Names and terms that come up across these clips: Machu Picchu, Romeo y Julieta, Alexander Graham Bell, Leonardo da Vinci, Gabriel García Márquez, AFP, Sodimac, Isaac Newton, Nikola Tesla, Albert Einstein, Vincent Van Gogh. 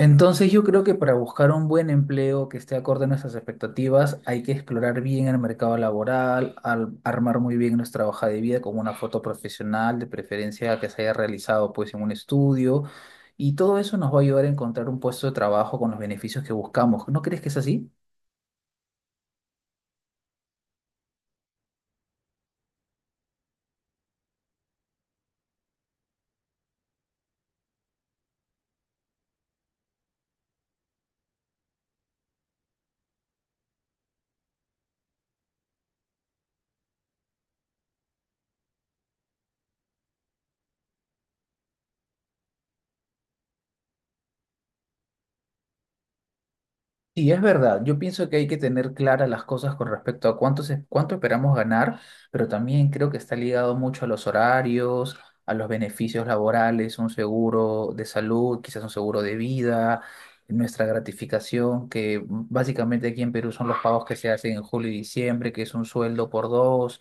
Entonces yo creo que para buscar un buen empleo que esté acorde a nuestras expectativas hay que explorar bien el mercado laboral, armar muy bien nuestra hoja de vida con una foto profesional, de preferencia que se haya realizado pues en un estudio y todo eso nos va a ayudar a encontrar un puesto de trabajo con los beneficios que buscamos. ¿No crees que es así? Sí, es verdad. Yo pienso que hay que tener claras las cosas con respecto a cuánto esperamos ganar, pero también creo que está ligado mucho a los horarios, a los beneficios laborales, un seguro de salud, quizás un seguro de vida, nuestra gratificación, que básicamente aquí en Perú son los pagos que se hacen en julio y diciembre, que es un sueldo por dos.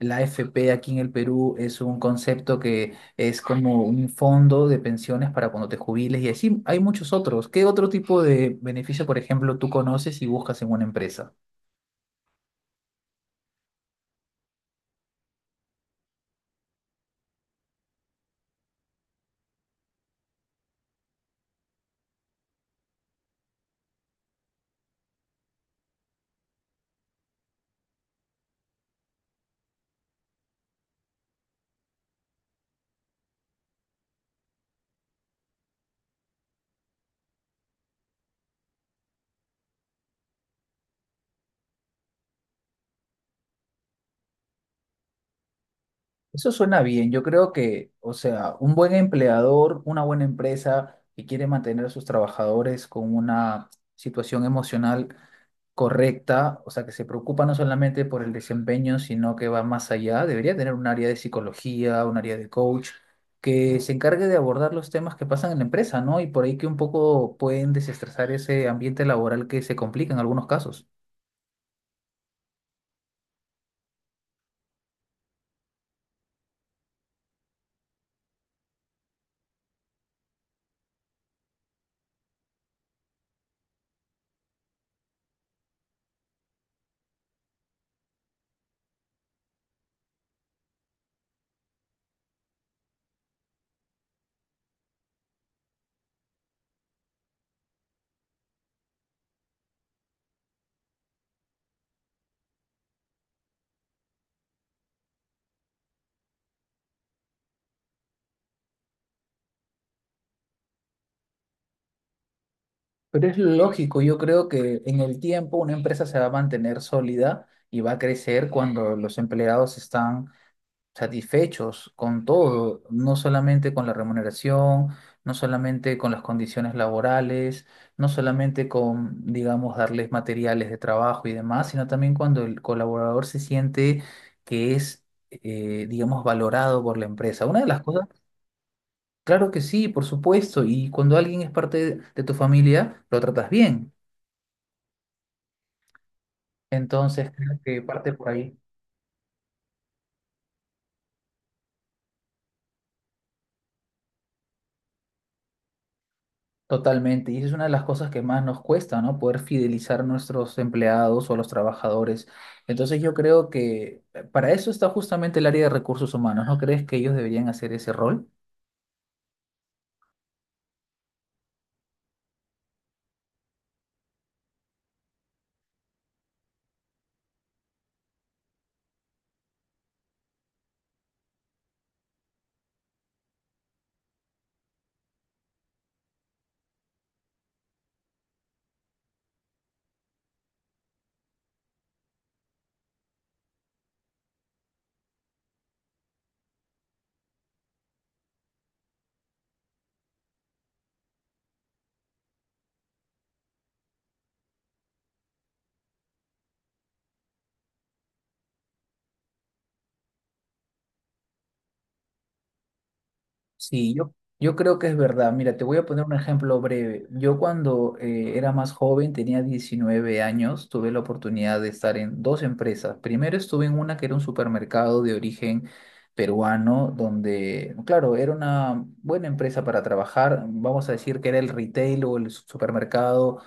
La AFP aquí en el Perú es un concepto que es como un fondo de pensiones para cuando te jubiles y así hay muchos otros. ¿Qué otro tipo de beneficio, por ejemplo, tú conoces y buscas en una empresa? Eso suena bien. Yo creo que, o sea, un buen empleador, una buena empresa que quiere mantener a sus trabajadores con una situación emocional correcta, o sea, que se preocupa no solamente por el desempeño, sino que va más allá. Debería tener un área de psicología, un área de coach, que se encargue de abordar los temas que pasan en la empresa, ¿no? Y por ahí que un poco pueden desestresar ese ambiente laboral que se complica en algunos casos. Pero es lógico, yo creo que en el tiempo una empresa se va a mantener sólida y va a crecer cuando los empleados están satisfechos con todo, no solamente con la remuneración, no solamente con las condiciones laborales, no solamente con, digamos, darles materiales de trabajo y demás, sino también cuando el colaborador se siente que es, digamos, valorado por la empresa. Una de las cosas, claro que sí, por supuesto, y cuando alguien es parte de tu familia, lo tratas bien. Entonces, creo que parte por ahí. Totalmente, y esa es una de las cosas que más nos cuesta, ¿no? Poder fidelizar a nuestros empleados o a los trabajadores. Entonces yo creo que para eso está justamente el área de recursos humanos, ¿no crees que ellos deberían hacer ese rol? Sí, yo, yo creo que es verdad. Mira, te voy a poner un ejemplo breve. Yo cuando era más joven, tenía 19 años, tuve la oportunidad de estar en dos empresas. Primero estuve en una que era un supermercado de origen peruano, donde, claro, era una buena empresa para trabajar. Vamos a decir que era el retail o el supermercado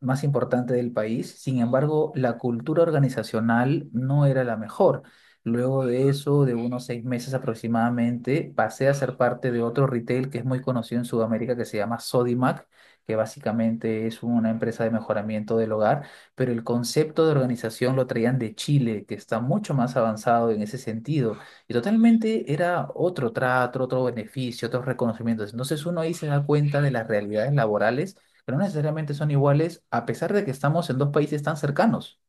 más importante del país. Sin embargo, la cultura organizacional no era la mejor. Luego de eso, de unos 6 meses aproximadamente, pasé a ser parte de otro retail que es muy conocido en Sudamérica que se llama Sodimac, que básicamente es una empresa de mejoramiento del hogar, pero el concepto de organización lo traían de Chile, que está mucho más avanzado en ese sentido. Y totalmente era otro trato, otro beneficio, otros reconocimientos. Entonces uno ahí se da cuenta de las realidades laborales que no necesariamente son iguales, a pesar de que estamos en dos países tan cercanos.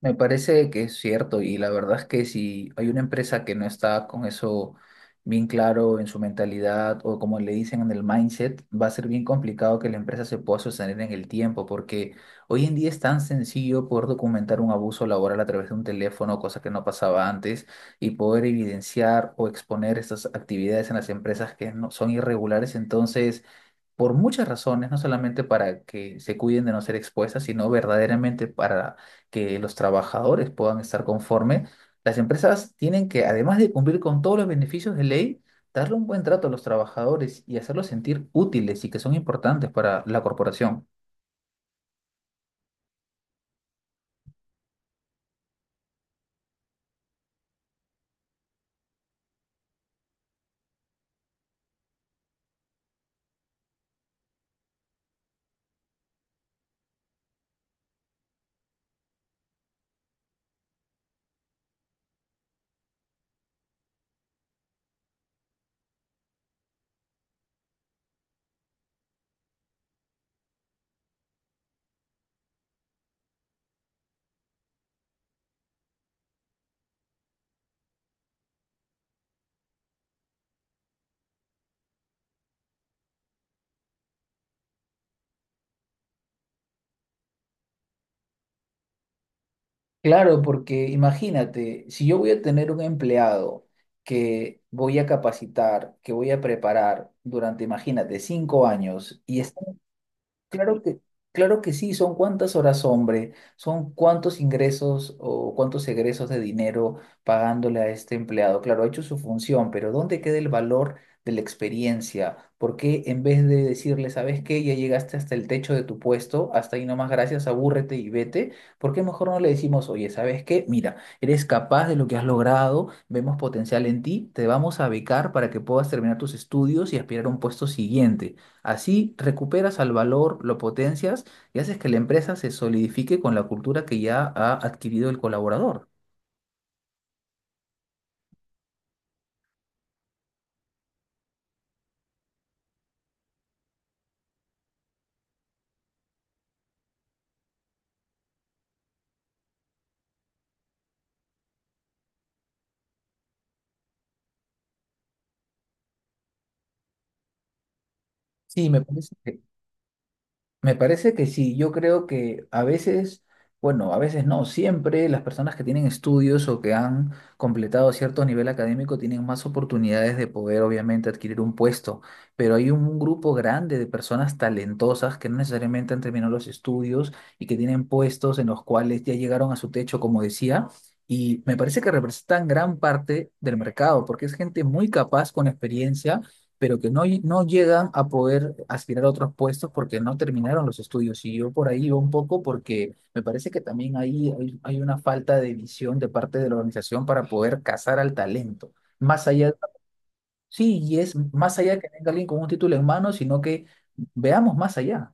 Me parece que es cierto y la verdad es que si hay una empresa que no está con eso bien claro en su mentalidad o como le dicen en el mindset, va a ser bien complicado que la empresa se pueda sostener en el tiempo porque hoy en día es tan sencillo poder documentar un abuso laboral a través de un teléfono, cosa que no pasaba antes, y poder evidenciar o exponer estas actividades en las empresas que no son irregulares. Entonces por muchas razones, no solamente para que se cuiden de no ser expuestas, sino verdaderamente para que los trabajadores puedan estar conforme, las empresas tienen que, además de cumplir con todos los beneficios de ley, darle un buen trato a los trabajadores y hacerlos sentir útiles y que son importantes para la corporación. Claro, porque imagínate, si yo voy a tener un empleado que voy a capacitar, que voy a preparar durante, imagínate, 5 años y claro que, claro que sí, son cuántas horas hombre, son cuántos ingresos o cuántos egresos de dinero pagándole a este empleado. Claro, ha hecho su función, pero ¿dónde queda el valor de la experiencia? ¿Por qué en vez de decirle, ¿sabes qué? Ya llegaste hasta el techo de tu puesto, hasta ahí nomás, gracias, abúrrete y vete, ¿por qué mejor no le decimos, oye, ¿sabes qué? Mira, eres capaz de lo que has logrado, vemos potencial en ti, te vamos a becar para que puedas terminar tus estudios y aspirar a un puesto siguiente. Así recuperas al valor, lo potencias y haces que la empresa se solidifique con la cultura que ya ha adquirido el colaborador. Sí, me parece. Que me parece que sí, yo creo que a veces, bueno, a veces no, siempre las personas que tienen estudios o que han completado cierto nivel académico tienen más oportunidades de poder obviamente adquirir un puesto, pero hay un grupo grande de personas talentosas que no necesariamente han terminado los estudios y que tienen puestos en los cuales ya llegaron a su techo, como decía, y me parece que representan gran parte del mercado, porque es gente muy capaz con experiencia pero que no llegan a poder aspirar a otros puestos porque no terminaron los estudios. Y yo por ahí iba un poco porque me parece que también ahí hay, hay una falta de visión de parte de la organización para poder cazar al talento. Más allá, sí, y es más allá que venga alguien con un título en mano, sino que veamos más allá.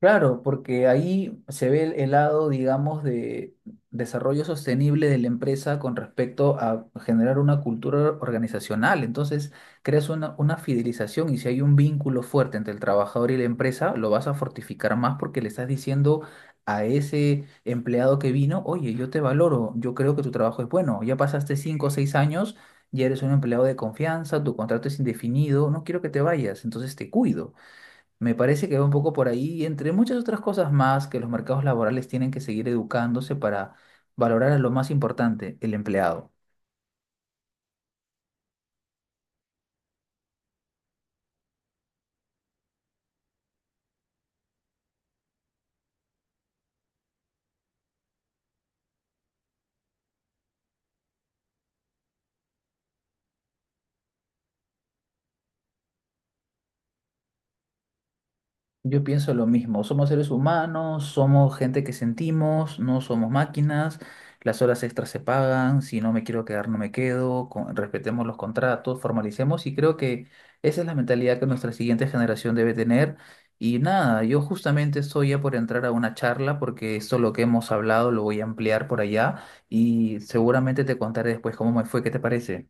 Claro, porque ahí se ve el lado, digamos, de desarrollo sostenible de la empresa con respecto a generar una cultura organizacional. Entonces, creas una fidelización y si hay un vínculo fuerte entre el trabajador y la empresa, lo vas a fortificar más porque le estás diciendo a ese empleado que vino, oye, yo te valoro, yo creo que tu trabajo es bueno, ya pasaste 5 o 6 años, ya eres un empleado de confianza, tu contrato es indefinido, no quiero que te vayas, entonces te cuido. Me parece que va un poco por ahí, y entre muchas otras cosas más, que los mercados laborales tienen que seguir educándose para valorar a lo más importante, el empleado. Yo pienso lo mismo, somos seres humanos, somos gente que sentimos, no somos máquinas, las horas extras se pagan, si no me quiero quedar no me quedo, respetemos los contratos, formalicemos y creo que esa es la mentalidad que nuestra siguiente generación debe tener. Y nada, yo justamente estoy ya por entrar a una charla porque esto lo que hemos hablado lo voy a ampliar por allá y seguramente te contaré después cómo me fue, ¿qué te parece?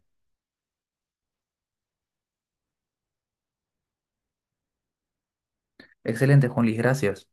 Excelente, Juan Luis, gracias.